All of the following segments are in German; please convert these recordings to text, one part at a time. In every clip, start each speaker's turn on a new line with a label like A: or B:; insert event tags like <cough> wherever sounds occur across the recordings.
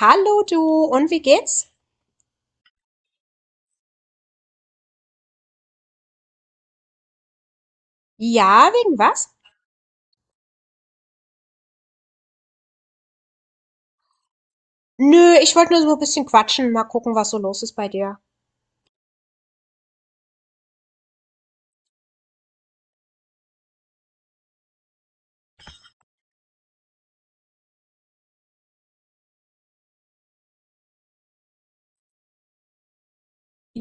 A: Hallo du, und wie geht's? Ja, wegen was? Nö, ich wollte nur so ein bisschen quatschen, mal gucken, was so los ist bei dir.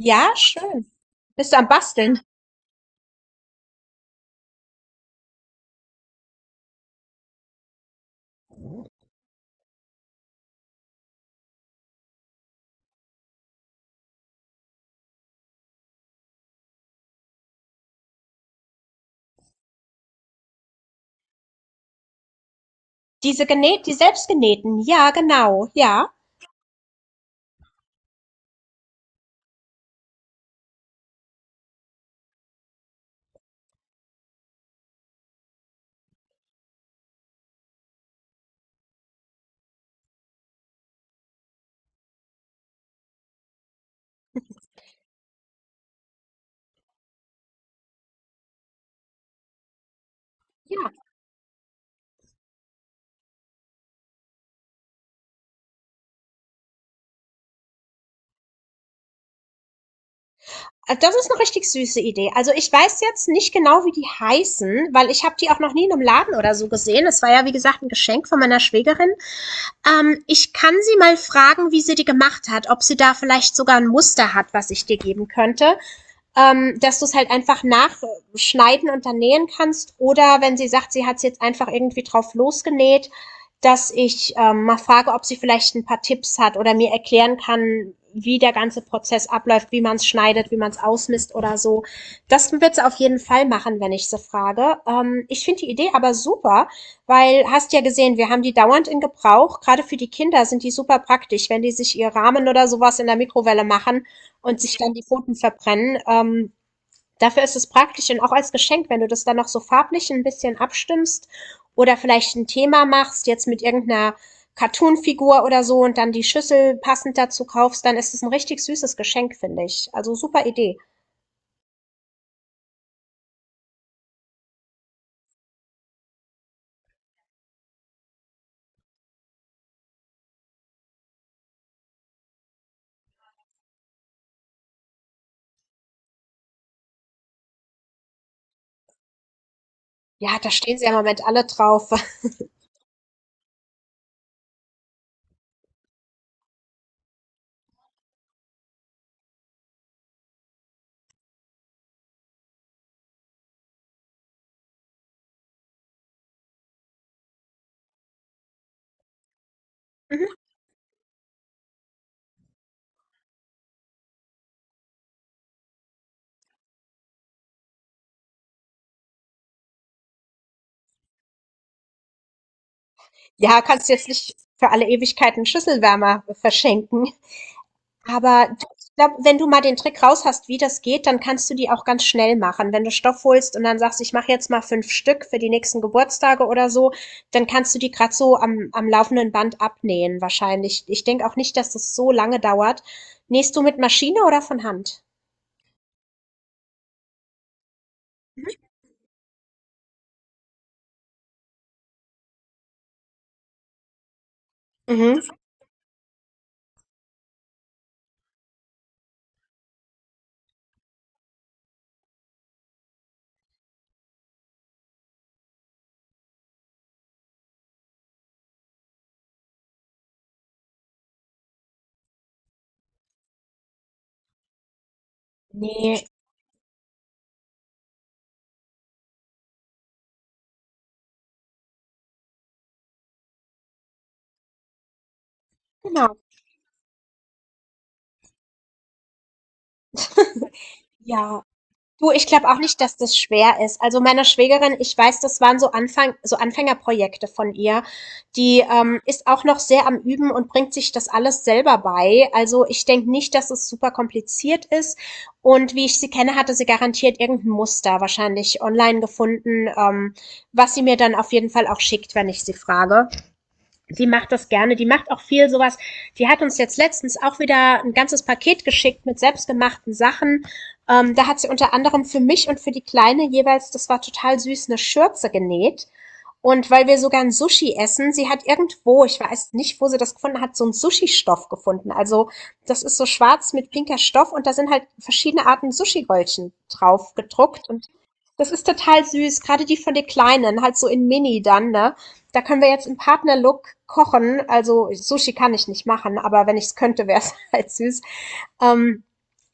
A: Ja, schön. Bist du am Basteln? Diese genäht, die selbstgenähten. Ja, genau. Ja. Ja. Das ist eine richtig süße Idee. Also ich weiß jetzt nicht genau, wie die heißen, weil ich habe die auch noch nie in einem Laden oder so gesehen. Es war ja, wie gesagt, ein Geschenk von meiner Schwägerin. Ich kann sie mal fragen, wie sie die gemacht hat, ob sie da vielleicht sogar ein Muster hat, was ich dir geben könnte. Dass du es halt einfach nachschneiden und dann nähen kannst. Oder wenn sie sagt, sie hat es jetzt einfach irgendwie drauf losgenäht, dass ich mal frage, ob sie vielleicht ein paar Tipps hat oder mir erklären kann, wie der ganze Prozess abläuft, wie man es schneidet, wie man es ausmisst oder so. Das wird sie auf jeden Fall machen, wenn ich sie frage. Ich finde die Idee aber super, weil hast ja gesehen, wir haben die dauernd in Gebrauch. Gerade für die Kinder sind die super praktisch, wenn die sich ihr Rahmen oder sowas in der Mikrowelle machen und sich dann die Pfoten verbrennen. Dafür ist es praktisch und auch als Geschenk, wenn du das dann noch so farblich ein bisschen abstimmst oder vielleicht ein Thema machst, jetzt mit irgendeiner Cartoon-Figur oder so und dann die Schüssel passend dazu kaufst, dann ist es ein richtig süßes Geschenk, finde ich. Also super Idee. Ja, da stehen sie ja im Moment alle drauf. <laughs> Mhm. Ja, kannst jetzt nicht für alle Ewigkeiten Schüsselwärmer verschenken. Aber du, ich glaube, wenn du mal den Trick raus hast, wie das geht, dann kannst du die auch ganz schnell machen. Wenn du Stoff holst und dann sagst, ich mache jetzt mal fünf Stück für die nächsten Geburtstage oder so, dann kannst du die grad so am laufenden Band abnähen wahrscheinlich. Ich denke auch nicht, dass das so lange dauert. Nähst du mit Maschine oder von Hand? Mhm. Nee, genau. Ja, du, ich glaube auch nicht, dass das schwer ist. Also meiner Schwägerin, ich weiß, das waren so Anfang, so Anfängerprojekte von ihr. Die ist auch noch sehr am Üben und bringt sich das alles selber bei. Also ich denke nicht, dass es super kompliziert ist. Und wie ich sie kenne, hatte sie garantiert irgendein Muster wahrscheinlich online gefunden, was sie mir dann auf jeden Fall auch schickt, wenn ich sie frage. Sie macht das gerne. Die macht auch viel sowas. Die hat uns jetzt letztens auch wieder ein ganzes Paket geschickt mit selbstgemachten Sachen. Da hat sie unter anderem für mich und für die Kleine jeweils, das war total süß, eine Schürze genäht. Und weil wir sogar ein Sushi essen, sie hat irgendwo, ich weiß nicht, wo sie das gefunden hat, so einen Sushi-Stoff gefunden. Also das ist so schwarz mit pinker Stoff und da sind halt verschiedene Arten Sushi-Röllchen drauf gedruckt und das ist total süß, gerade die von den Kleinen, halt so in Mini dann, ne? Da können wir jetzt im Partnerlook kochen. Also, Sushi kann ich nicht machen, aber wenn ich es könnte, wäre es <laughs> halt süß. Ähm,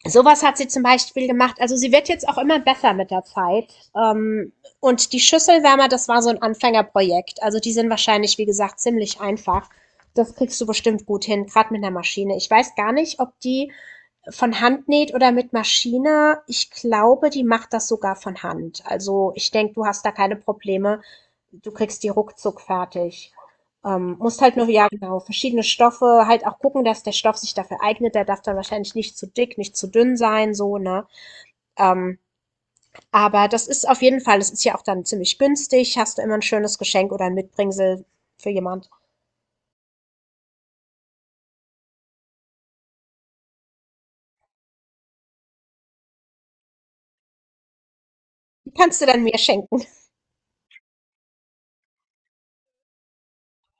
A: Sowas hat sie zum Beispiel gemacht. Also sie wird jetzt auch immer besser mit der Zeit. Ähm, und die Schüsselwärmer, das war so ein Anfängerprojekt. Also die sind wahrscheinlich, wie gesagt, ziemlich einfach. Das kriegst du bestimmt gut hin, gerade mit einer Maschine. Ich weiß gar nicht, ob die von Hand näht oder mit Maschine. Ich glaube, die macht das sogar von Hand. Also ich denke, du hast da keine Probleme. Du kriegst die ruckzuck fertig. Musst halt nur, ja genau, verschiedene Stoffe, halt auch gucken, dass der Stoff sich dafür eignet. Der darf dann wahrscheinlich nicht zu dick, nicht zu dünn sein, so, ne? Ähm, aber das ist auf jeden Fall, das ist ja auch dann ziemlich günstig. Hast du immer ein schönes Geschenk oder ein Mitbringsel für jemand. Die kannst du dann mir schenken,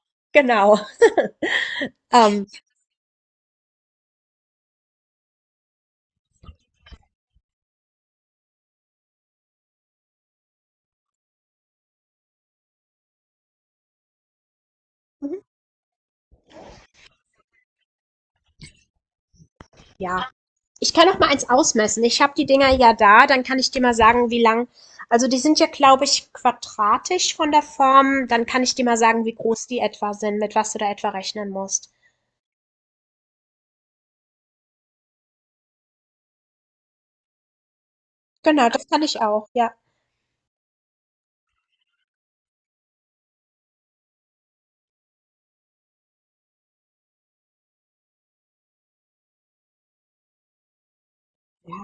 A: <laughs> genau. Ähm, mhm. Ja, ich kann auch mal eins ausmessen. Ich habe die Dinger ja da, dann kann ich dir mal sagen, wie lang. Also die sind ja, glaube ich, quadratisch von der Form. Dann kann ich dir mal sagen, wie groß die etwa sind, mit was du da etwa rechnen musst. Genau, das kann ich auch, ja. Ja.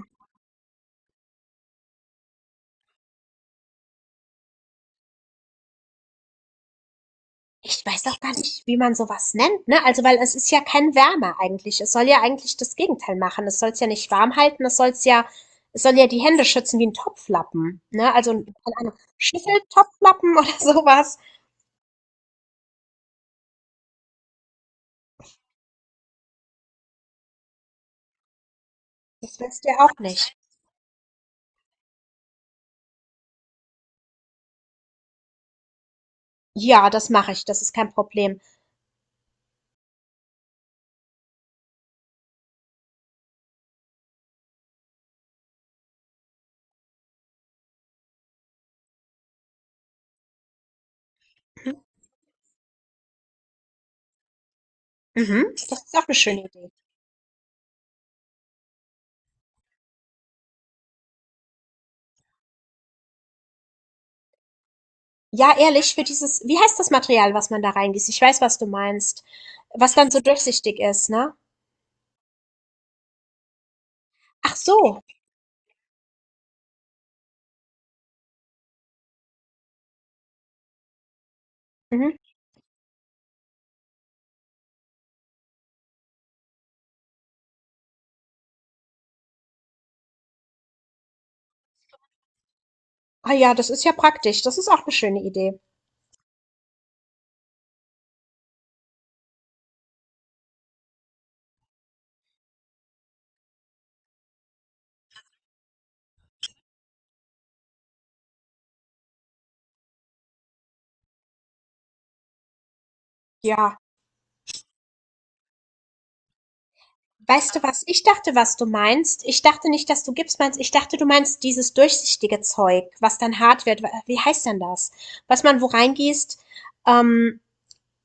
A: Ich weiß auch gar nicht, wie man sowas nennt, ne? Also, weil es ist ja kein Wärmer eigentlich. Es soll ja eigentlich das Gegenteil machen. Es soll es ja nicht warm halten, es soll es ja, es soll ja die Hände schützen wie ein Topflappen, ne? Also, keine Ahnung, Schüsseltopflappen oder <laughs> sowas. Das willst du ja auch nicht. Ja, das mache ich. Das ist kein Problem. Mhm. Mhm, das ist auch eine schöne Idee. Ja, ehrlich, für dieses, wie heißt das Material, was man da reingießt? Ich weiß, was du meinst. Was dann so durchsichtig ist, ne? Ach so. Mhm. Ah ja, das ist ja praktisch. Das ist auch eine schöne Idee. Ja. Weißt du, was ich dachte, was du meinst? Ich dachte nicht, dass du Gips meinst. Ich dachte, du meinst dieses durchsichtige Zeug, was dann hart wird. Wie heißt denn das? Was man wo reingießt, ähm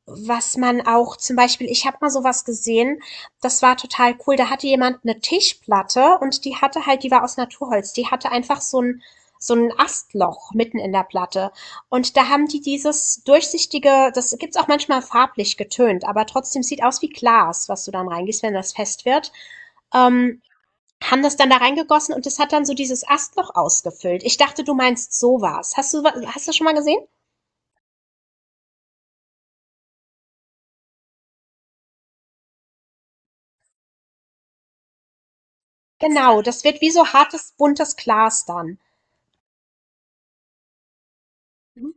A: was man auch zum Beispiel, ich habe mal so was gesehen, das war total cool. Da hatte jemand eine Tischplatte und die hatte halt, die war aus Naturholz. Die hatte einfach so ein, so ein Astloch mitten in der Platte. Und da haben die dieses durchsichtige, das gibt's auch manchmal farblich getönt, aber trotzdem sieht aus wie Glas, was du dann reingießt, wenn das fest wird. Ähm, Haben das dann da reingegossen und das hat dann so dieses Astloch ausgefüllt. Ich dachte, du meinst sowas. Hast du, hast du das schon mal gesehen? Genau, das wird wie so hartes, buntes Glas dann. Mhm.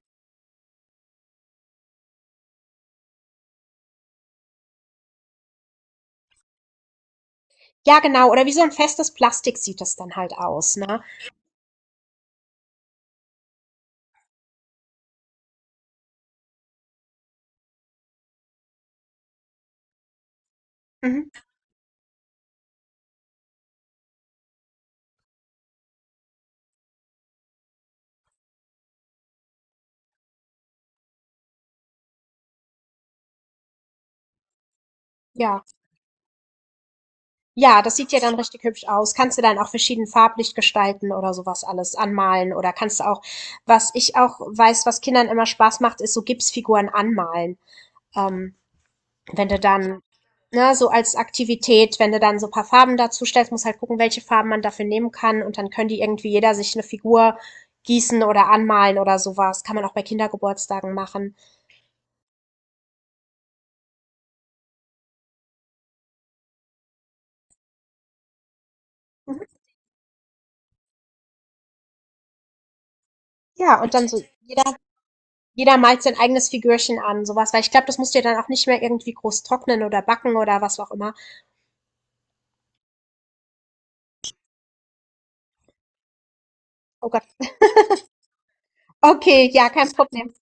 A: Ja, genau. Oder wie so ein festes Plastik sieht das dann halt aus, ne? Mhm. Ja. Ja, das sieht ja dann richtig hübsch aus. Kannst du dann auch verschieden farblich gestalten oder sowas alles anmalen oder kannst du auch, was ich auch weiß, was Kindern immer Spaß macht, ist so Gipsfiguren anmalen. Ähm, Wenn du dann, ne, so als Aktivität, wenn du dann so ein paar Farben dazu stellst, muss halt gucken, welche Farben man dafür nehmen kann und dann können die irgendwie jeder sich eine Figur gießen oder anmalen oder sowas. Kann man auch bei Kindergeburtstagen machen. Und dann so jeder malt sein eigenes Figürchen an, sowas, weil ich glaube, das musst du ja dann auch nicht mehr irgendwie groß trocknen oder backen oder was auch immer. Oh Gott. Okay, ja, kein Problem.